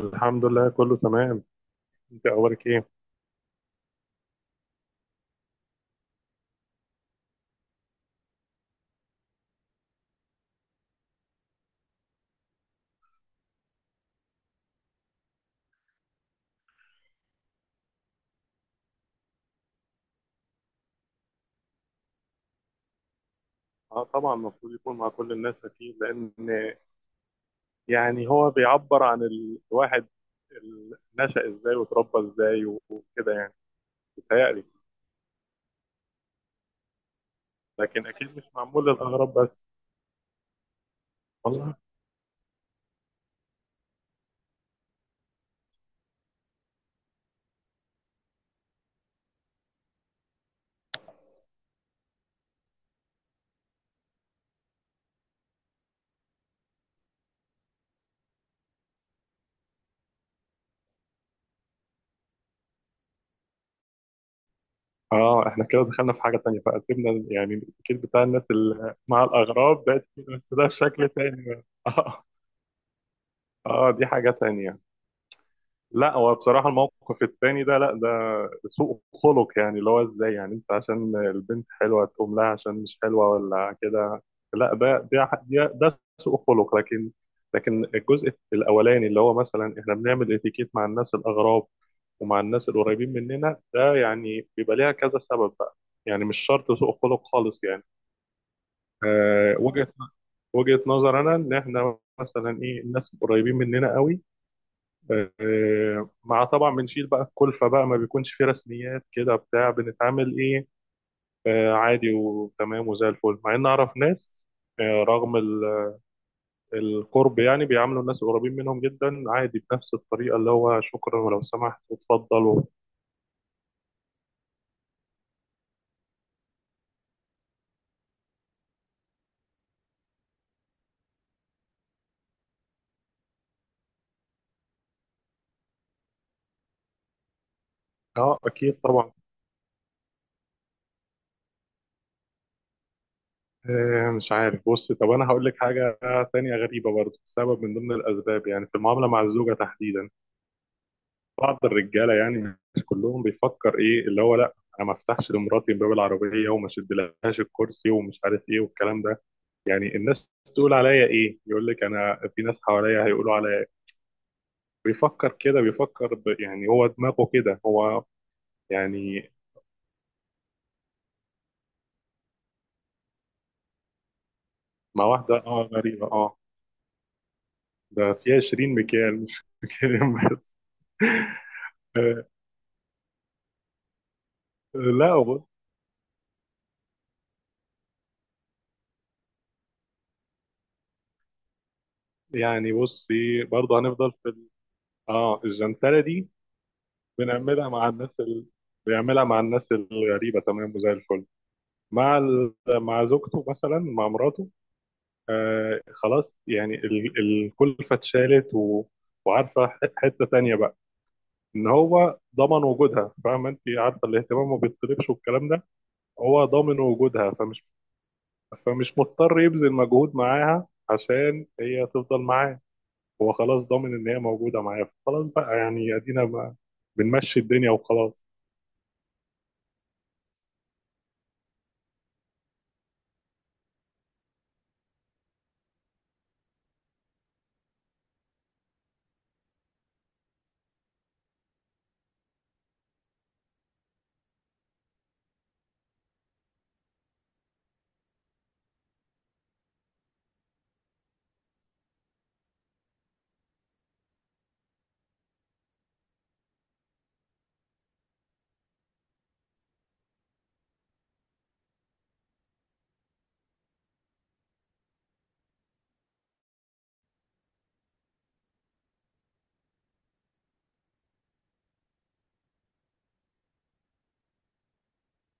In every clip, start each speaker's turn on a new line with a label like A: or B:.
A: الحمد لله كله تمام. انت اخبارك ايه؟ اه طبعا المفروض يكون مع كل الناس اكيد، لان يعني هو بيعبر عن الواحد نشأ ازاي وتربى ازاي وكده، يعني بيتهيألي. لكن اكيد مش معمول للاغراب بس، والله. اه احنا كده دخلنا في حاجه تانية بقى، سيبنا يعني التفكير بتاع الناس اللي مع الاغراب ده، بس ده بشكل تاني بقى. اه اه دي حاجه تانية. لا هو بصراحة الموقف التاني ده، لا ده سوء خلق يعني، اللي هو ازاي يعني انت عشان البنت حلوة تقوم لها، عشان مش حلوة ولا كده. لا ده ده سوء خلق. لكن لكن الجزء الأولاني اللي هو مثلا احنا بنعمل اتيكيت مع الناس الأغراب ومع الناس القريبين مننا، ده يعني بيبقى ليها كذا سبب بقى. يعني مش شرط سوء خلق خالص يعني. أه وجهة نظر أنا، إن إحنا مثلا إيه، الناس القريبين مننا قوي مع طبعا بنشيل بقى الكلفة بقى، ما بيكونش في رسميات كده، بتاع بنتعامل ايه، عادي وتمام وزي الفل. مع ان اعرف ناس، رغم القرب يعني، بيعاملوا الناس القريبين منهم جدا عادي بنفس الطريقة، اللي هو شكرا ولو سمحت وتفضل. اه اكيد طبعا. مش عارف، بص، طب انا هقول لك حاجة تانية غريبة برضه. سبب من ضمن الاسباب يعني في المعاملة مع الزوجة تحديدا. بعض الرجاله يعني، مش كلهم، بيفكر ايه، اللي هو لا، انا ما افتحش لمراتي باب العربيه، وما اشدلهاش الكرسي، ومش عارف ايه والكلام ده. يعني الناس تقول عليا ايه، يقول لك انا في ناس حواليا هيقولوا عليا إيه؟ بيفكر كده، يعني هو دماغه كده هو. يعني مع واحده اه غريبه اه. ده فيها 20 مكيال مش مكيالين بس. لا بص يعني، بصي برضه هنفضل في اه الجنتلة دي. بنعملها مع الناس ال... بيعملها مع الناس الغريبة تمام وزي الفل. مع مع زوجته مثلا، مع مراته، آه خلاص يعني الكلفة اتشالت وعارفة، حتة تانية بقى، إن هو ضمن وجودها، فاهمة أنت، عارفة الاهتمام ما بيطلبش والكلام ده. هو ضامن وجودها، فمش فمش مضطر يبذل مجهود معاها عشان هي تفضل معاه. هو خلاص ضامن إن هي موجودة معاه، خلاص بقى يعني، أدينا بقى بنمشي الدنيا وخلاص.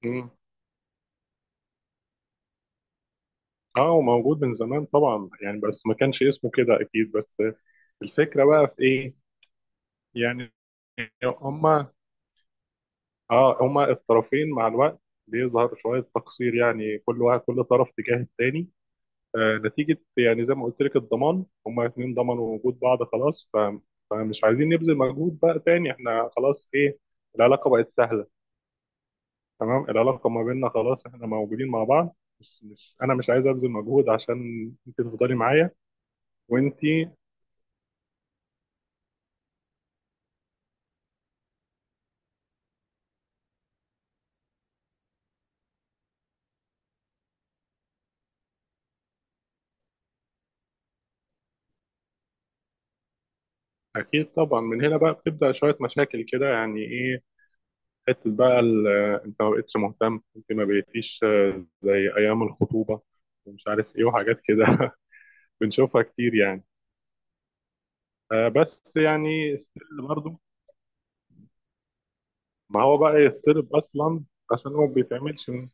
A: مم. اه هو موجود من زمان طبعا يعني، بس ما كانش اسمه كده اكيد. بس الفكره بقى في ايه، يعني هما، اه هما الطرفين مع الوقت بيظهر شويه تقصير يعني، كل واحد، كل طرف تجاه التاني. آه نتيجه يعني زي ما قلت لك، الضمان، هما اتنين ضمنوا وجود بعض خلاص، فمش عايزين نبذل مجهود بقى تاني. احنا خلاص ايه، العلاقه بقت سهله. تمام العلاقه ما بيننا خلاص، احنا موجودين مع بعض، مش انا مش عايز ابذل مجهود عشان انت تفضلي معايا. وانت اكيد طبعا. من هنا بقى بتبدا شويه مشاكل كده، يعني ايه، حته بقى آه، انت ما بقتش مهتم، انت ما بقيتيش آه، زي ايام الخطوبه ومش عارف ايه وحاجات كده. بنشوفها كتير يعني. آه، بس يعني ستيل برضه. ما هو بقى يضطرب اصلا عشان هو ما بيتعملش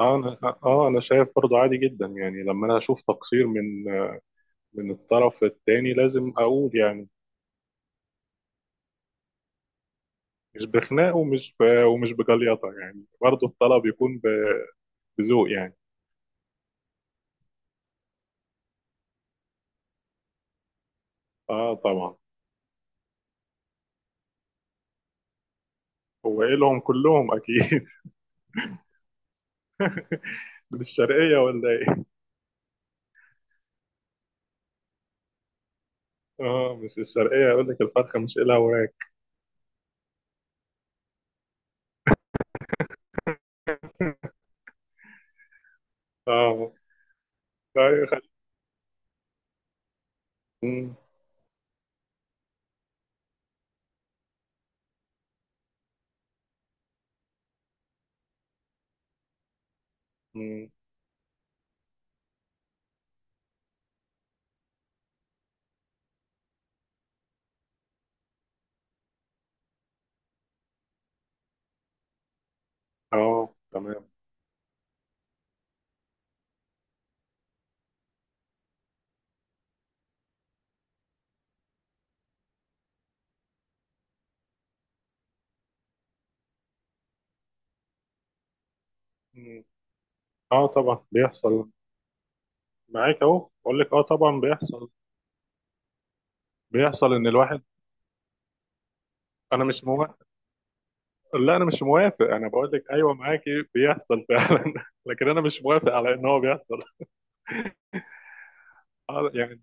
A: اه انا اه آه، انا شايف برضه عادي جدا يعني، لما انا اشوف تقصير من آه، من الطرف التاني، لازم اقول يعني. مش بخناق ومش بجليطه يعني، برضه الطلب يكون بذوق يعني. اه طبعا. هو ايه لهم كلهم اكيد. من الشرقيه ولا ايه؟ اه مش الشرقيه، يقول لك الفرخه مش إلها وراك. اه لا يخل... مم، مم، اه تمام. مم. اه طبعا بيحصل. معاك اهو، بقول لك اه طبعا بيحصل. بيحصل ان الواحد، انا مش موافق. لا انا مش موافق، انا بقول لك ايوه معاكي بيحصل فعلا، لكن انا مش موافق على ان هو بيحصل. آه، يعني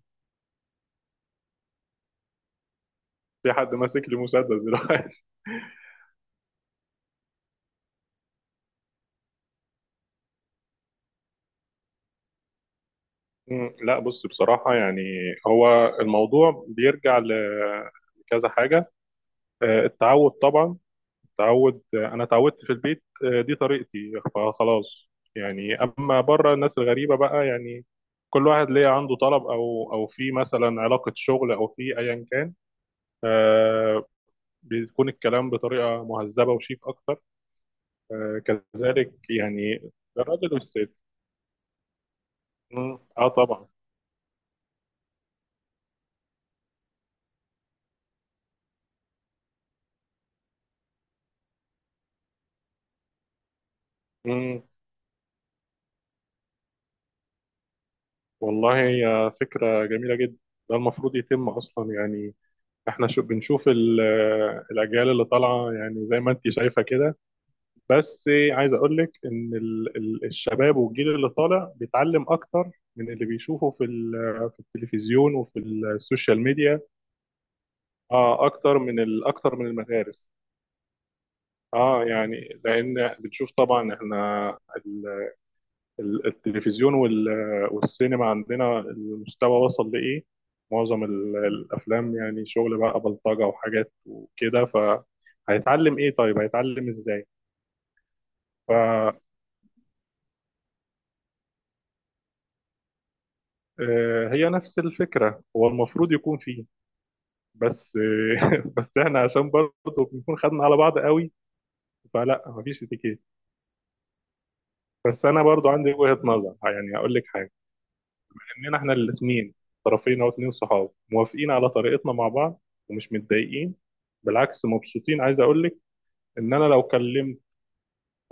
A: في حد ماسك لي مسدس دلوقتي؟ مم، لا بص بصراحة يعني، هو الموضوع بيرجع لكذا حاجة. آه، التعود طبعا، التعود. آه، أنا اتعودت في البيت، آه، دي طريقتي فخلاص يعني. أما بره، الناس الغريبة بقى يعني، كل واحد ليه عنده طلب، أو في مثلا علاقة شغل، أو في أيا كان، آه، بيكون الكلام بطريقة مهذبة وشيك أكتر. آه، كذلك يعني، الراجل والست. مم، اه طبعا. والله هي فكرة جميلة جدا، ده المفروض يتم أصلا يعني. احنا شو بنشوف الأجيال اللي طالعة، يعني زي ما انت شايفة كده. بس عايز أقول لك إن الشباب والجيل اللي طالع بيتعلم أكتر من اللي بيشوفه في في التلفزيون وفي السوشيال ميديا. اه أكتر من أكتر من المدارس. اه يعني لأن بنشوف طبعا احنا التلفزيون والسينما عندنا، المستوى وصل لإيه. معظم الأفلام يعني شغل بقى بلطجة وحاجات وكده، فهيتعلم إيه، طيب هيتعلم إزاي؟ فهي نفس الفكرة، هو المفروض يكون فيه، بس. بس احنا عشان برضه بنكون خدنا على بعض قوي، فلا مفيش اتيكيت. بس انا برضه عندي وجهة نظر، يعني هقول لك حاجة. اننا احنا الاثنين، طرفين او اتنين صحاب، موافقين على طريقتنا مع بعض ومش متضايقين، بالعكس مبسوطين. عايز اقول لك ان انا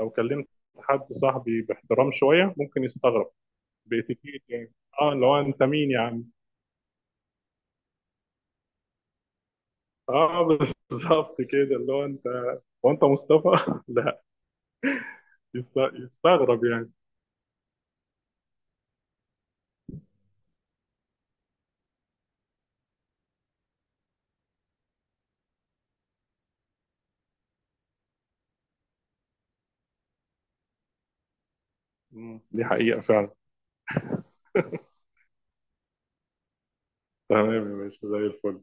A: لو كلمت حد صاحبي باحترام شويه ممكن يستغرب، باتيكيت يعني. اه اللي هو انت مين يا عم. اه بالظبط كده، اللي هو انت، وانت مصطفى. لا يستغرب يعني. مم. دي حقيقه فعلا. تمام يا باشا زي الفل.